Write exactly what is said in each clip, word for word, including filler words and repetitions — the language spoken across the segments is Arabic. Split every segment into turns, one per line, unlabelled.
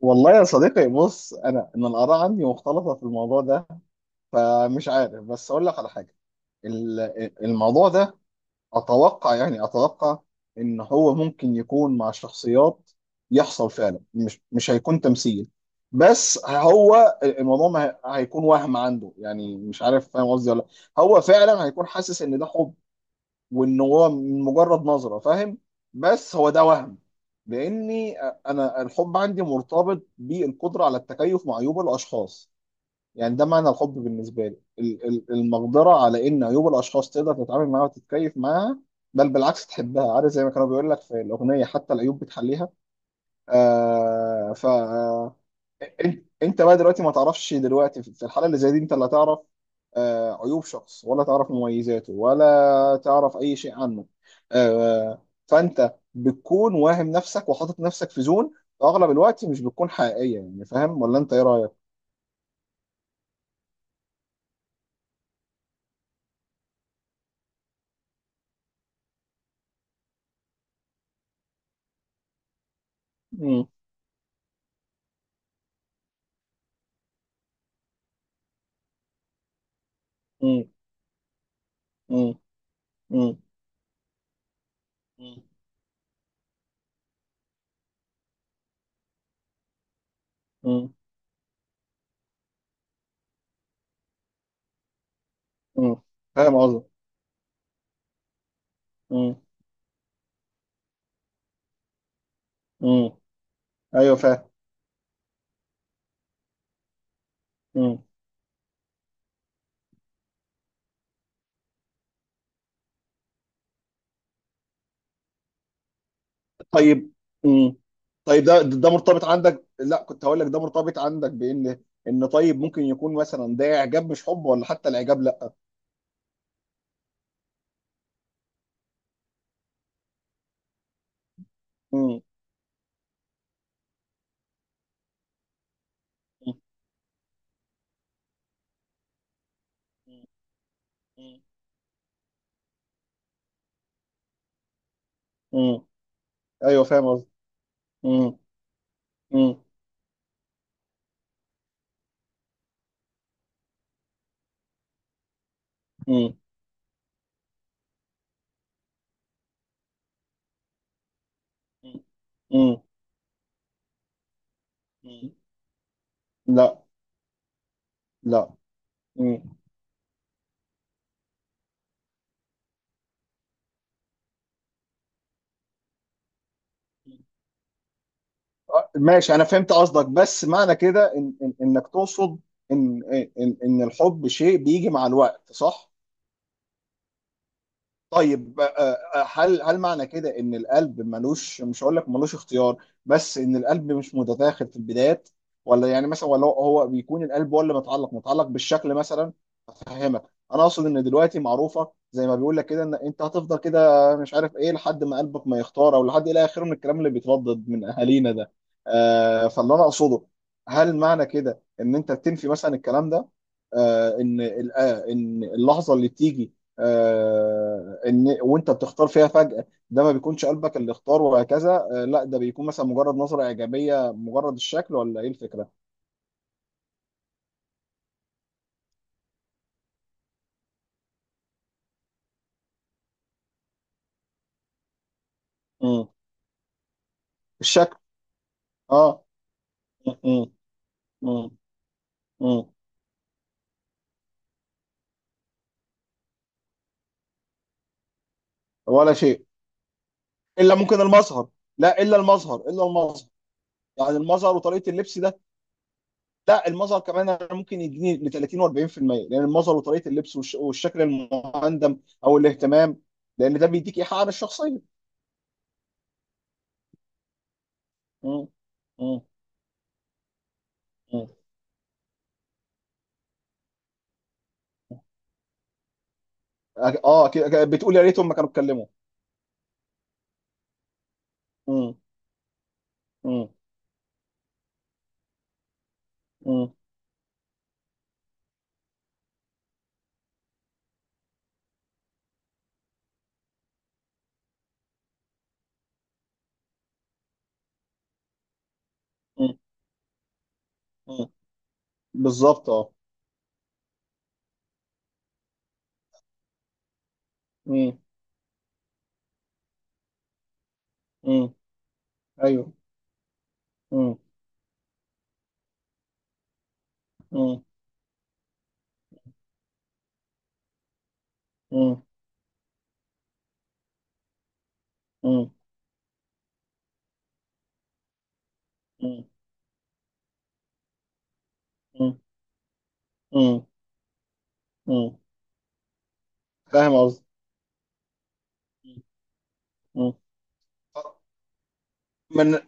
والله يا صديقي بص، انا ان الاراء عندي مختلطه في الموضوع ده، فمش عارف بس اقول لك على حاجه. ال- الموضوع ده اتوقع، يعني اتوقع ان هو ممكن يكون مع شخصيات يحصل فعلا. مش مش هيكون تمثيل، بس هو الموضوع ما هي- هيكون وهم عنده. يعني مش عارف فاهم قصدي ولا لأ. هو فعلا هيكون حاسس ان ده حب، وان هو من مجرد نظره فاهم. بس هو ده وهم، لاني انا الحب عندي مرتبط بالقدره على التكيف مع عيوب الاشخاص. يعني ده معنى الحب بالنسبه لي، ال- ال- المقدره على ان عيوب الاشخاص تقدر تتعامل معاها وتتكيف معاها، بل بالعكس تحبها. عارف زي ما كانوا بيقول لك في الاغنيه، حتى العيوب بتحليها. آه ف انت انت بقى دلوقتي ما تعرفش. دلوقتي في الحاله اللي زي دي انت لا تعرف آه، عيوب شخص، ولا تعرف مميزاته، ولا تعرف اي شيء عنه. آه، فانت بتكون واهم نفسك وحاطط نفسك في زون اغلب الوقت مش بتكون حقيقيه. يعني فاهم ولا انت ايه رايك؟ مم، مم، مم، مم، مم، مم، مم. فاهم قصدي؟ مم. مم. ايوه فاهم. طيب. مم. طيب ده ده مرتبط عندك. لا، كنت هقول لك ده مرتبط عندك بان، ان طيب ممكن يكون مثلا ده اعجاب مش حب، ولا حتى الاعجاب لا. مم. مم. مم. مم. ايوه فاهم قصدي. مم. مم. مم. مم. مم. لا لا. مم. آه، ماشي، انا فهمت قصدك. بس معنى كده إن إن انك تقصد ان ان ان الحب شيء بيجي مع الوقت، صح؟ طيب. آه، آه، هل هل معنى كده ان القلب ملوش، مش هقول لك ملوش اختيار، بس ان القلب مش متداخل في البدايات؟ ولا يعني مثلا، ولا هو هو بيكون القلب هو اللي متعلق متعلق بالشكل مثلا؟ افهمك. انا اقصد ان دلوقتي معروفه، زي ما بيقول لك كده، ان انت هتفضل كده مش عارف ايه لحد ما قلبك ما يختار، او لحد الى اخره من الكلام اللي بيتردد من اهالينا ده. آه، فاللي انا اقصده، هل معنى كده ان انت بتنفي مثلا الكلام ده؟ آه، ان ال- آه، ان اللحظه اللي بتيجي آه، ان وانت بتختار فيها فجأة، ده ما بيكونش قلبك اللي اختار وهكذا؟ آه، لا، ده بيكون مثلا مجرد نظرة إيجابية، مجرد الشكل، ولا ايه الفكرة؟ مم. الشكل. اه. مم. مم. مم. ولا شيء، الا ممكن المظهر. لا، الا المظهر، الا المظهر. يعني المظهر وطريقة اللبس ده. لا، المظهر كمان أنا ممكن يديني ل ثلاثين و40%، لان المظهر وطريقة اللبس والش- والشكل المهندم او الاهتمام، لان ده بيديك ايحاء عن الشخصية. مم. مم. أك- اه أكيد أك- بتقول يا ريتهم ما كانوا اتكلموا. مم. مم. مم. مم. مم. بالظبط، اه. مم. مم. ايوه. مم. مم. مم. مم. مم. مم. مم. مم. فاهم قصدي. مم. من،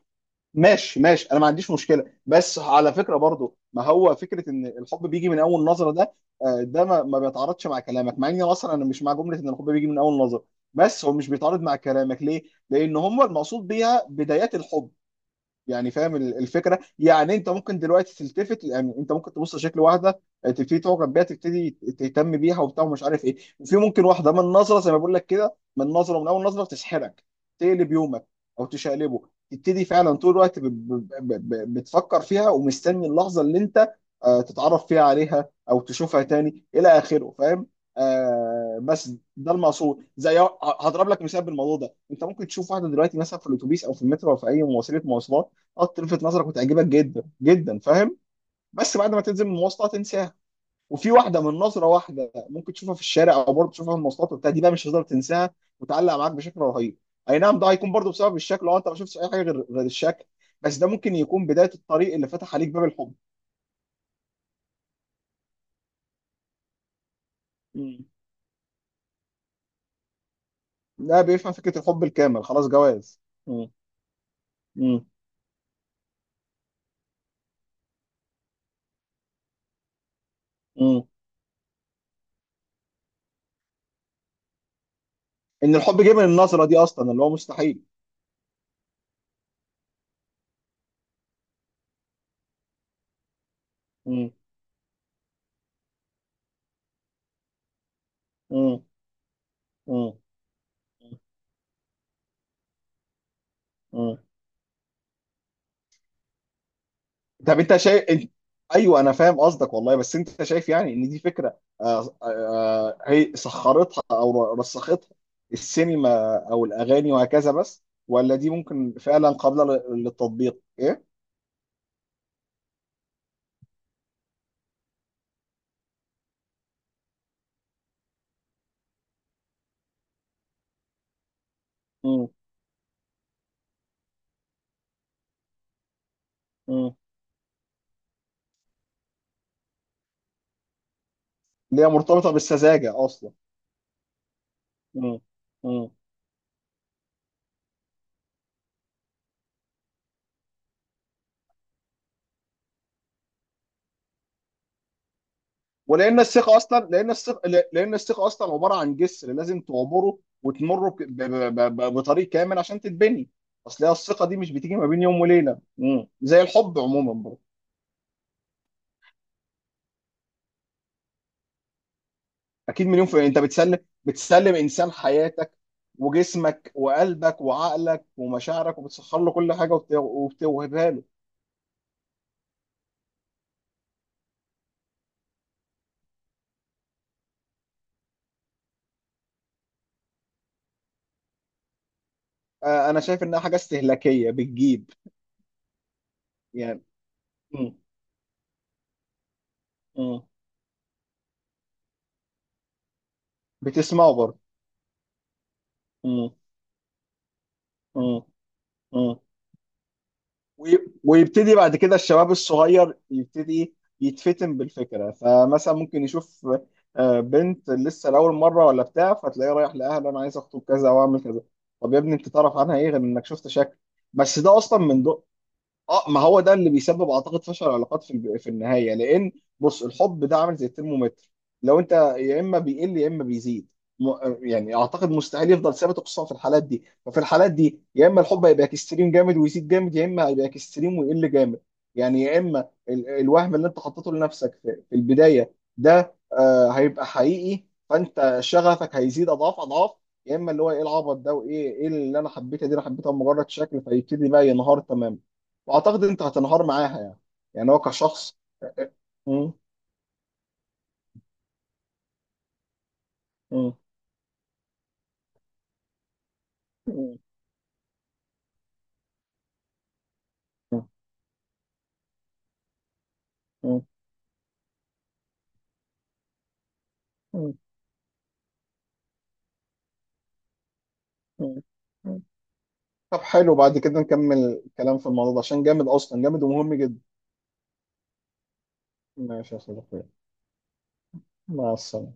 ماشي ماشي، انا ما عنديش مشكله. بس على فكره برضو، ما هو فكره ان الحب بيجي من اول نظره ده، آه، ده ما, ما بيتعارضش مع كلامك، مع اني اصلا انا مش مع جمله ان الحب بيجي من اول نظره. بس هو مش بيتعارض مع كلامك ليه؟ لان هم المقصود بيها بدايات الحب. يعني فاهم ال- الفكره. يعني انت ممكن دلوقتي تلتفت، يعني انت ممكن تبص لشكل واحده، تبتدي تعجب بيها، تبتدي تهتم بيها وبتاع ومش عارف ايه. وفي ممكن واحده من نظره، زي ما بقول لك كده، من نظره، من اول نظره تسحرك، تقلب يومك او تشقلبه، تبتدي فعلا طول الوقت ب- ب- ب- ب- بتفكر فيها ومستني اللحظه اللي انت آه، تتعرف فيها عليها او تشوفها تاني الى اخره، فاهم؟ آه بس ده المقصود. زي، هضرب لك مثال بالموضوع ده. انت ممكن تشوف واحده دلوقتي مثلا في الاتوبيس او في المترو او في اي مواصله مواصلات، اه، تلفت نظرك وتعجبك جدا جدا، فاهم؟ بس بعد ما تنزل من المواصله تنساها. وفي واحده من نظره واحده ممكن تشوفها في الشارع او برضه تشوفها في المواصلات وبتاع، دي بقى مش هتقدر تنساها، وتعلق معاك بشكل رهيب. اي نعم، ده هيكون برضه بسبب الشكل، لو انت ما شفتش اي حاجه غير غير الشكل، بس ده ممكن يكون بدايه الطريق اللي فتح عليك باب الحب. مم. ده بيفهم فكره الحب الكامل خلاص، جواز. مم. مم. مم. ان الحب جه من النظره دي اصلا، اللي هو مستحيل. مم. مم. مم. مم. طب انت شايف، انت... ايوه انا فاهم قصدك والله. بس انت شايف يعني ان دي فكره آه، آه، هي سخرتها او رسختها السينما او الاغاني وهكذا بس، ولا دي ممكن فعلا قابله لل- للتطبيق ايه؟ امم. امم. اللي هي مرتبطه بالسذاجه اصلا. امم. امم. ولان الثقه اصلا، لان الثقه، لان الثقه اصلا عباره عن جسر لازم تعبره وتمره ب... ب... ب... ب... بطريق كامل عشان تتبني. اصل هي الثقه دي مش بتيجي ما بين يوم وليله، امم، زي الحب عموما برضه. اكيد، مليون في انت بتسلم، بتسلم انسان حياتك وجسمك وقلبك وعقلك ومشاعرك، وبتسخر له كل حاجه وبت- وبتوهبها له. آه، انا شايف انها حاجه استهلاكيه بتجيب يعني. م- م. بتسمعه برضه. م- م- م. وي- ويبتدي بعد كده الشباب الصغير، يبتدي يتفتن بالفكرة. فمثلا ممكن يشوف آه، بنت لسه لأول مرة ولا بتاع، فتلاقيه رايح لأهله: أنا عايز أخطب كذا، أو أعمل كذا. طب يا ابني أنت تعرف عنها إيه غير إنك شفت شكل، بس ده أصلا من... اه، ما هو ده اللي بيسبب، اعتقد، فشل العلاقات في الب- في النهايه. لان، بص، الحب ده عامل زي الترمومتر. لو انت، يا اما بيقل يا اما بيزيد، م، يعني اعتقد مستحيل يفضل ثابت، خصوصا في الحالات دي. ففي الحالات دي يا اما الحب هيبقى اكستريم جامد ويزيد جامد، يا اما هيبقى اكستريم ويقل جامد. يعني يا اما ال الوهم اللي انت حطيته لنفسك في, في البدايه ده آه هيبقى حقيقي، فانت شغفك هيزيد اضعاف اضعاف. يا اما اللي هو ايه العبط ده، وايه، ايه اللي انا حبيتها دي، انا حبيتها مجرد شكل، فيبتدي بقى ينهار تماما، واعتقد انت هتنهار معاها يعني، يعني هو كشخص. مم. مم. مم. مم. مم. مم. مم. طب حلو، بعد كده نكمل الكلام في الموضوع ده، عشان جامد اصلا، جامد ومهم جدا. ماشي يا صديقي. مع السلامة.